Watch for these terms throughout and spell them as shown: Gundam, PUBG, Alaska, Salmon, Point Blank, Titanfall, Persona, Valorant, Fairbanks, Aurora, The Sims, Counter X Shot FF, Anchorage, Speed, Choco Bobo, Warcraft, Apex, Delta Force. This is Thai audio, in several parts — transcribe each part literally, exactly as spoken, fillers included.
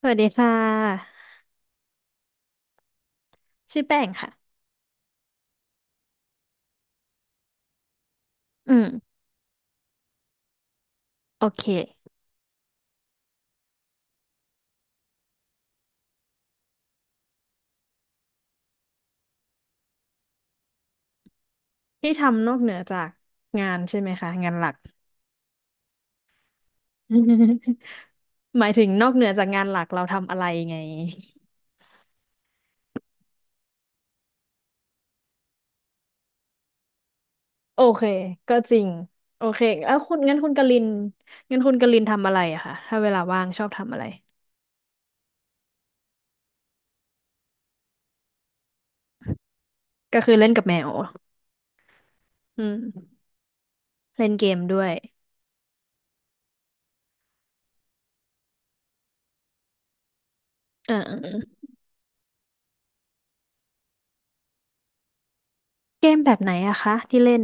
สวัสดีค่ะชื่อแป้งค่ะอืมโอเคที่ทำนอกเหนือจากงานใช่ไหมคะงานหลัก หมายถึงนอกเหนือจากงานหลักเราทำอะไรไงโอเคก็จริงโอเคแล้วคุณงั้นคุณกลินงั้นคุณกลินทำอะไรอะคะถ้าเวลาว่างชอบทำอะไรก็คือเล่นกับแมวอืมเล่นเกมด้วยอ่าเกมแบบไหนอะคะที่เล่น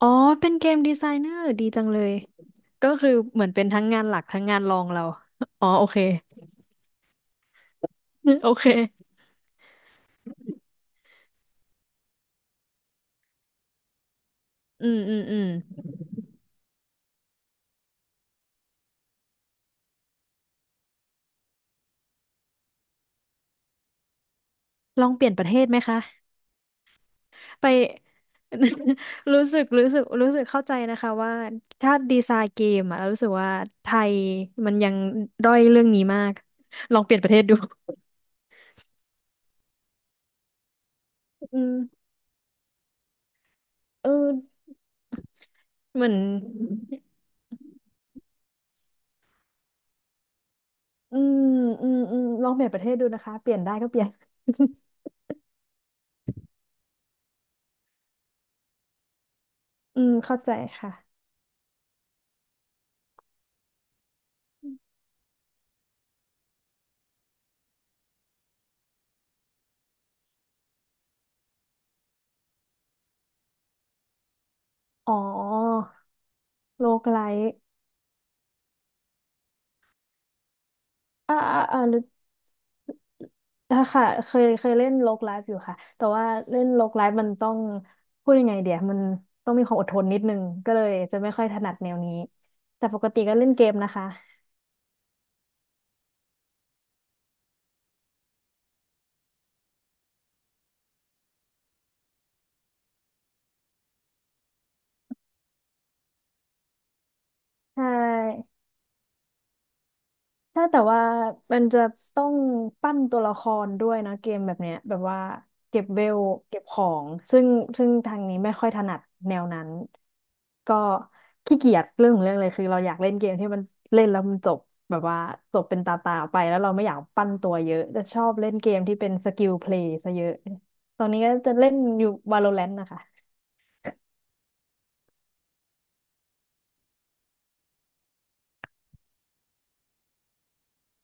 อ๋อเป็นเกมดีไซเนอร์ดีจังเลยก็คือเหมือนเป็นทั้งงานหลักทั้งงานรองเรา อ๋อโอเค โอเคอืมอืมอืมลองเปลี่ยนประเทศไหมคะไป รู้สึกรู้สึกรู้สึกเข้าใจนะคะว่าถ้าดีไซน์เกมอะเรารู้สึกว่าไทยมันยังด้อยเรื่องนี้มากลองเปลี่ยนประเทศดู อืมเออเหมือนอืมอืมอืมลองเปลี่ยนประเทศดูนะคะเปลี่ยนได้ก็เปลี่ยน อืมเข้าใจค่ะอ๋อ โลกไลท์อ่า อ่าอ่าหรอถ้าค่ะเคยเคยเล่นโลกไลฟ์อยู่ค่ะ แต่ว่าเล่นโลกไลฟ์มันต้องพูดยังไงเดี๋ยวมันต้องมีความอดทนนิดนึงก็เลยจะไม่ค่อยถนัดแนวนี้ แต่ปกติก็เล่นเกมนะคะ ใช่ ถ้าแต่ว่ามันจะต้องปั้นตัวละครด้วยนะเกมแบบเนี้ยแบบว่าเก็บเวลเก็บของซึ่งซึ่งทางนี้ไม่ค่อยถนัดแนวนั้นก็ขี้เกียจเรื่องของเรื่องเลยคือเราอยากเล่นเกมที่มันเล่นแล้วมันจบแบบว่าจบเป็นตาตาไปแล้วเราไม่อยากปั้นตัวเยอะจะชอบเล่นเกมที่เป็นสกิลเพลย์ซะเยอะตอนนี้ก็จะเล่นอยู่ Valorant นะคะ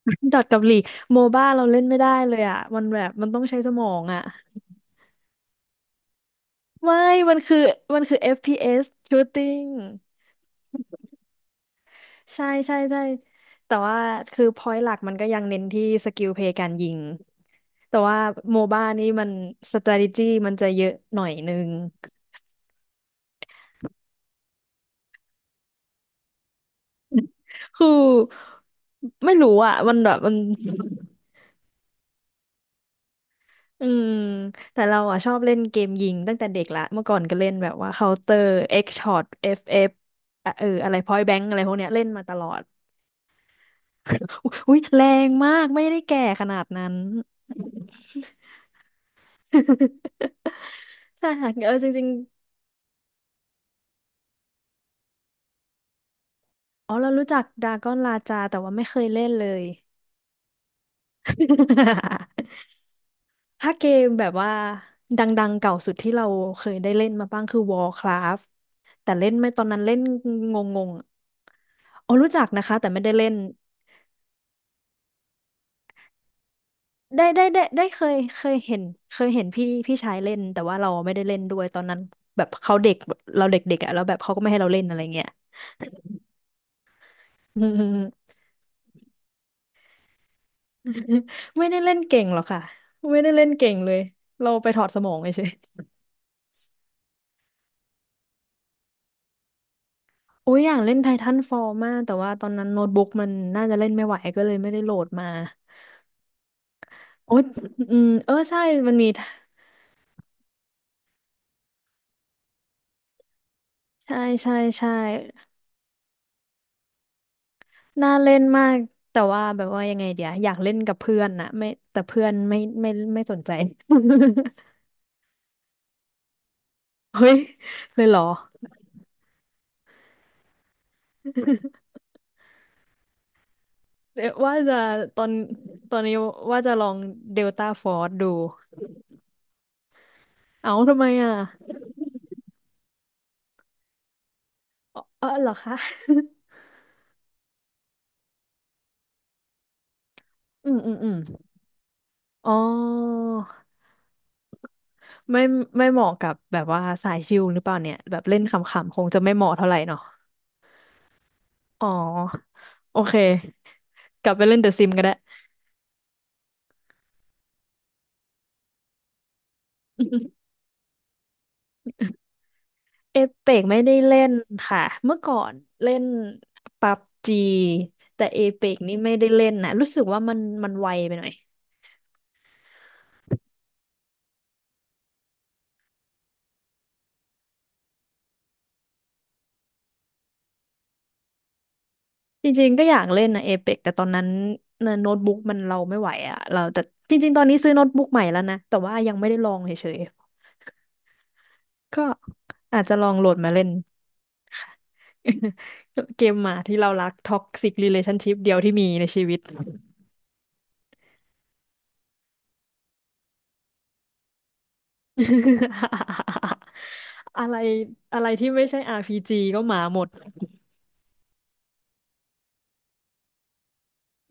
ดอทกับลีโมบ้าเราเล่นไม่ได้เลยอ่ะมันแบบมันต้องใช้สมองอ่ะ ไม่มันคือมันคือ เอฟ พี เอส shooting ใช่ใช่ใช่แต่ว่าคือ point หลักมันก็ยังเน้นที่สกิลเพลย์การยิง แต่ว่าโมบ้านี่มัน strategy มันจะเยอะหน่อยนึง คือไม่รู้อ่ะ มันแบบมันอืมแต่เราอ่ะชอบเล่นเกมยิงตั้งแต่เด็กละ เมื่อก่อนก็เล่นแบบว่า Counter X Shot เอฟ เอฟ อฟเอฟอ่ะเอออะไร Point Blank อะไรพวกเนี้ยเล่นมาตลอดอุ้ยแรงมากไม่ได้แก่ขนาดนั้น ใช่ค่ะเออจริงๆอ๋อเรารู้จักดากอนลาจาแต่ว่าไม่เคยเล่นเลย ถ้าเกมแบบว่าดังๆเก่าสุดที่เราเคยได้เล่นมาบ้างคือ Warcraft แต่เล่นไม่ตอนนั้นเล่นงงๆอะอ๋อรู้จักนะคะแต่ไม่ได้เล่นได้ได้ได้ได้เคยเคยเห็นเคยเห็นพี่พี่ชายเล่นแต่ว่าเราไม่ได้เล่นด้วยตอนนั้นแบบเขาเด็กแบบเราเด็กๆอ่ะแล้วแบบเขาก็ไม่ให้เราเล่นอะไรเงี้ย ไม่ได้เล่นเก่งหรอกค่ะไม่ได้เล่นเก่งเลยเราไปถอดสมองเฉยๆโอ้ยอยากเล่นไททันฟอลมากแต่ว่าตอนนั้นโน้ตบุ๊กมันน่าจะเล่นไม่ไหวก็เลยไม่ได้โหลดมาโอ้ยอืมเออใช่มันมีใช่ใช่ใช่น่าเล่นมากแต่ว่าแบบว่ายังไงเดี๋ยวอยากเล่นกับเพื่อนนะไม่แต่เพื่อนไม่ไม่ไม่สนใจ เฮ้ยเลยเหรอ เดี๋ยว ว่าจะตอนตอนนี้ว่าจะลองเดลต้าฟอร์สดูเอาทำไมอ่ะ เออเหรอคะ อืมอืมอืมอ๋อไม่ไม่เหมาะกับแบบว่าสายชิลหรือเปล่าเนี่ยแบบเล่นขำๆคงจะไม่เหมาะเท่าไหร่เนาะอ๋อโอเคกลับไปเล่นเดอะซิมก็ได้ เอเปกไม่ได้เล่นค่ะเมื่อก่อนเล่นปับจีแต่เอเปกนี่ไม่ได้เล่นนะรู้สึกว่ามันมันไวไปหน่อยจริงๆก็อยากเล่นนะเอเปกแต่ตอนนั้นน่ะโน้ตบุ๊กมันเราไม่ไหวอะเราแต่จริงๆตอนนี้ซื้อโน้ตบุ๊กใหม่แล้วนะแต่ว่ายังไม่ได้ลองเฉย ก็อาจจะลองโหลดมาเล่นค่ะ เกมหมาที่เรารักท็อกซิกรีเลชั่นชิพเดียวที่มีในชีวิต อะไรอะไรที่ไม่ใช่ อาร์ พี จี ก็หมาหมด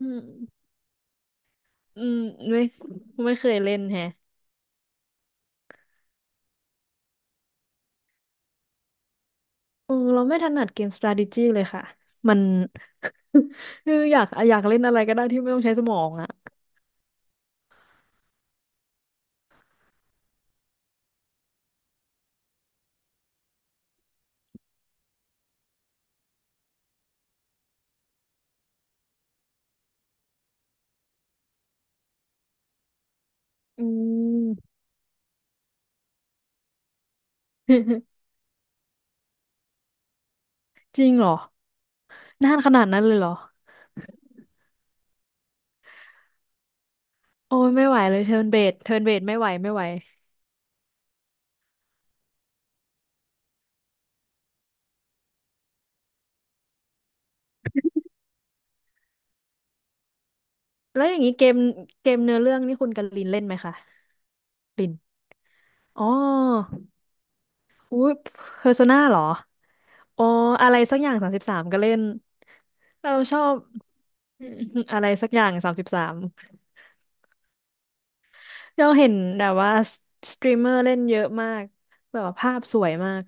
อืมอืมไม่ไม่เคยเล่นแฮะเออเราไม่ถนัดเกม strategy เลยค่ะมัน คืออยากอยากเล่นอะไรก็ได้ที่ไม่ต้องใช้สมองอ่ะอืม จริงเหรอนานขนาดนั้นเลยเหรอโอ้ยไม่ไหวเลยเทิร์นเบสเทิร์นเบสไม่ไหวไม่ไหว แล้วอย่างนี้เกมเกมเนื้อเรื่องนี่คุณกันลินเล่นไหมคะลินอ๋ออุ้ยเพอร์โซนาเหรออ๋ออะไรสักอย่างสามสิบสามก็เล่นเราชอบ อะไรสักอย่างสามสิบสามเราเห็นแบบว่าสตรีมเมอร์เล่นเยอะมากแบบว่าภาพสวยมาก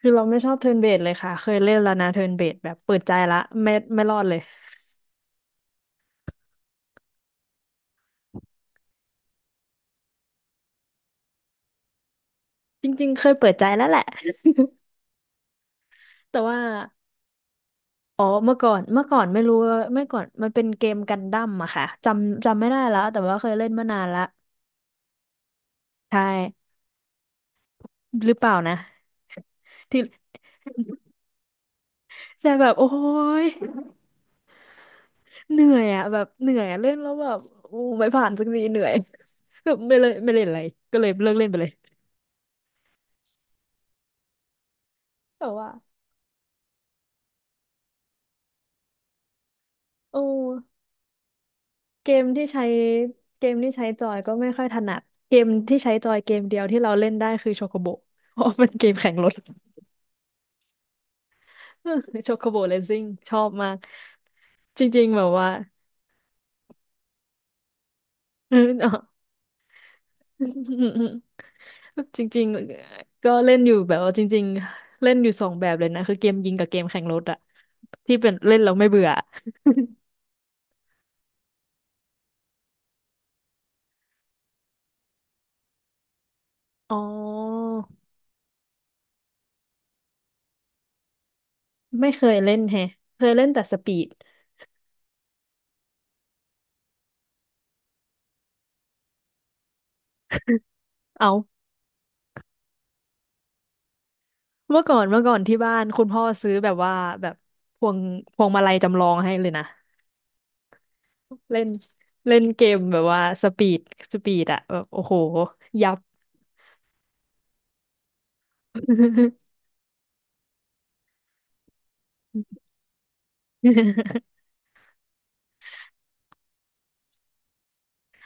คือเราไม่ชอบเทิร์นเบสเลยค่ะเคยเล่นแล้วนะเทิร์นเบสแบบเปิดใจละไม่ไม่รอดเลยจริงๆเคยเปิดใจแล้วแหละ แต่ว่า อ๋อเมื่อก่อนเมื่อก่อนไม่รู้ว่าเมื่อก่อนมันเป็นเกมกันดั้มอะค่ะจำจำไม่ได้แล้วแต่ว่าเคยเล่นมานานละใช่หรือเปล่านะ ที่จะแบบโอ้ยเหนื่อยอะแบบเหนื่อยอะเล่นแล้วแบบโอ้ไม่ผ่านสักทีเหนื่อย แบบไม่เลยไม่เล่นอะไรก็เลยเลิกเล่นไปเลยแต่ว่าโอ้เกมที่ใช้เกมที่ใช้จอยก็ไม่ค่อยถนัดเกมที่ใช้จอยเกมเดียวที่เราเล่นได้คือโชโคโบเพราะเป็นเกมแข่งรถ โชโคโบเรซิ่งชอบมาก จริงๆแบบว่า เออเนอะ จริงๆก็เล่นอยู่แบบว่าจริงๆเล่นอยู่สองแบบเลยนะคือเกมยิงกับเกมแข่งรถอะที่เป็นเล่นแล้วไม่เบื่ออ๋อไม่เคยเล่นแฮะเคยเล่นแต่สปีดเอาเมื่อก่อนเมื่อก่อนที่บ้านคุณพ่อซื้อแบบว่าแบบพวงพวงมาลัยจำลองให้เลยนะเล่นเล่นเกมแบบว่าสปีดสปีดอะแบบโอ้โหยับ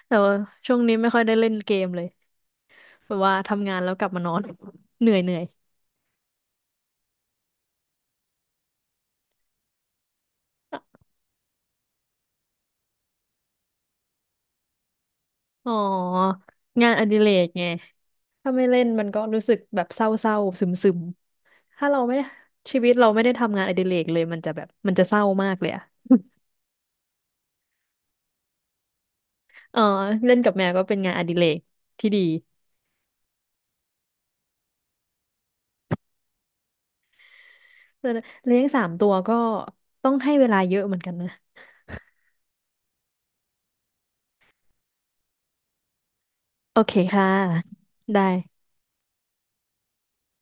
แต่ว่าช่วงนี้ไม่ค่อยได้เล่นเกมเลยแบบว่าทำงานแล้วกลับมานอน เหนื่อยเหนื่อยอ๋องานอดิเรกไงถ้าไม่เล่นมันก็รู้สึกแบบเศร้าๆซึมๆถ้าเราไม่ได้ชีวิตเราไม่ได้ทำงานอดิเรกเลยมันจะแบบมันจะเศร้ามากเลยอะเออเล่นกับแมวก็เป็นงานอดิเรกที่ดีแต่เลี้ยงสามตัวก็ต้องให้เวลาเยอะเหมือนกันนะโอเคค่ะได้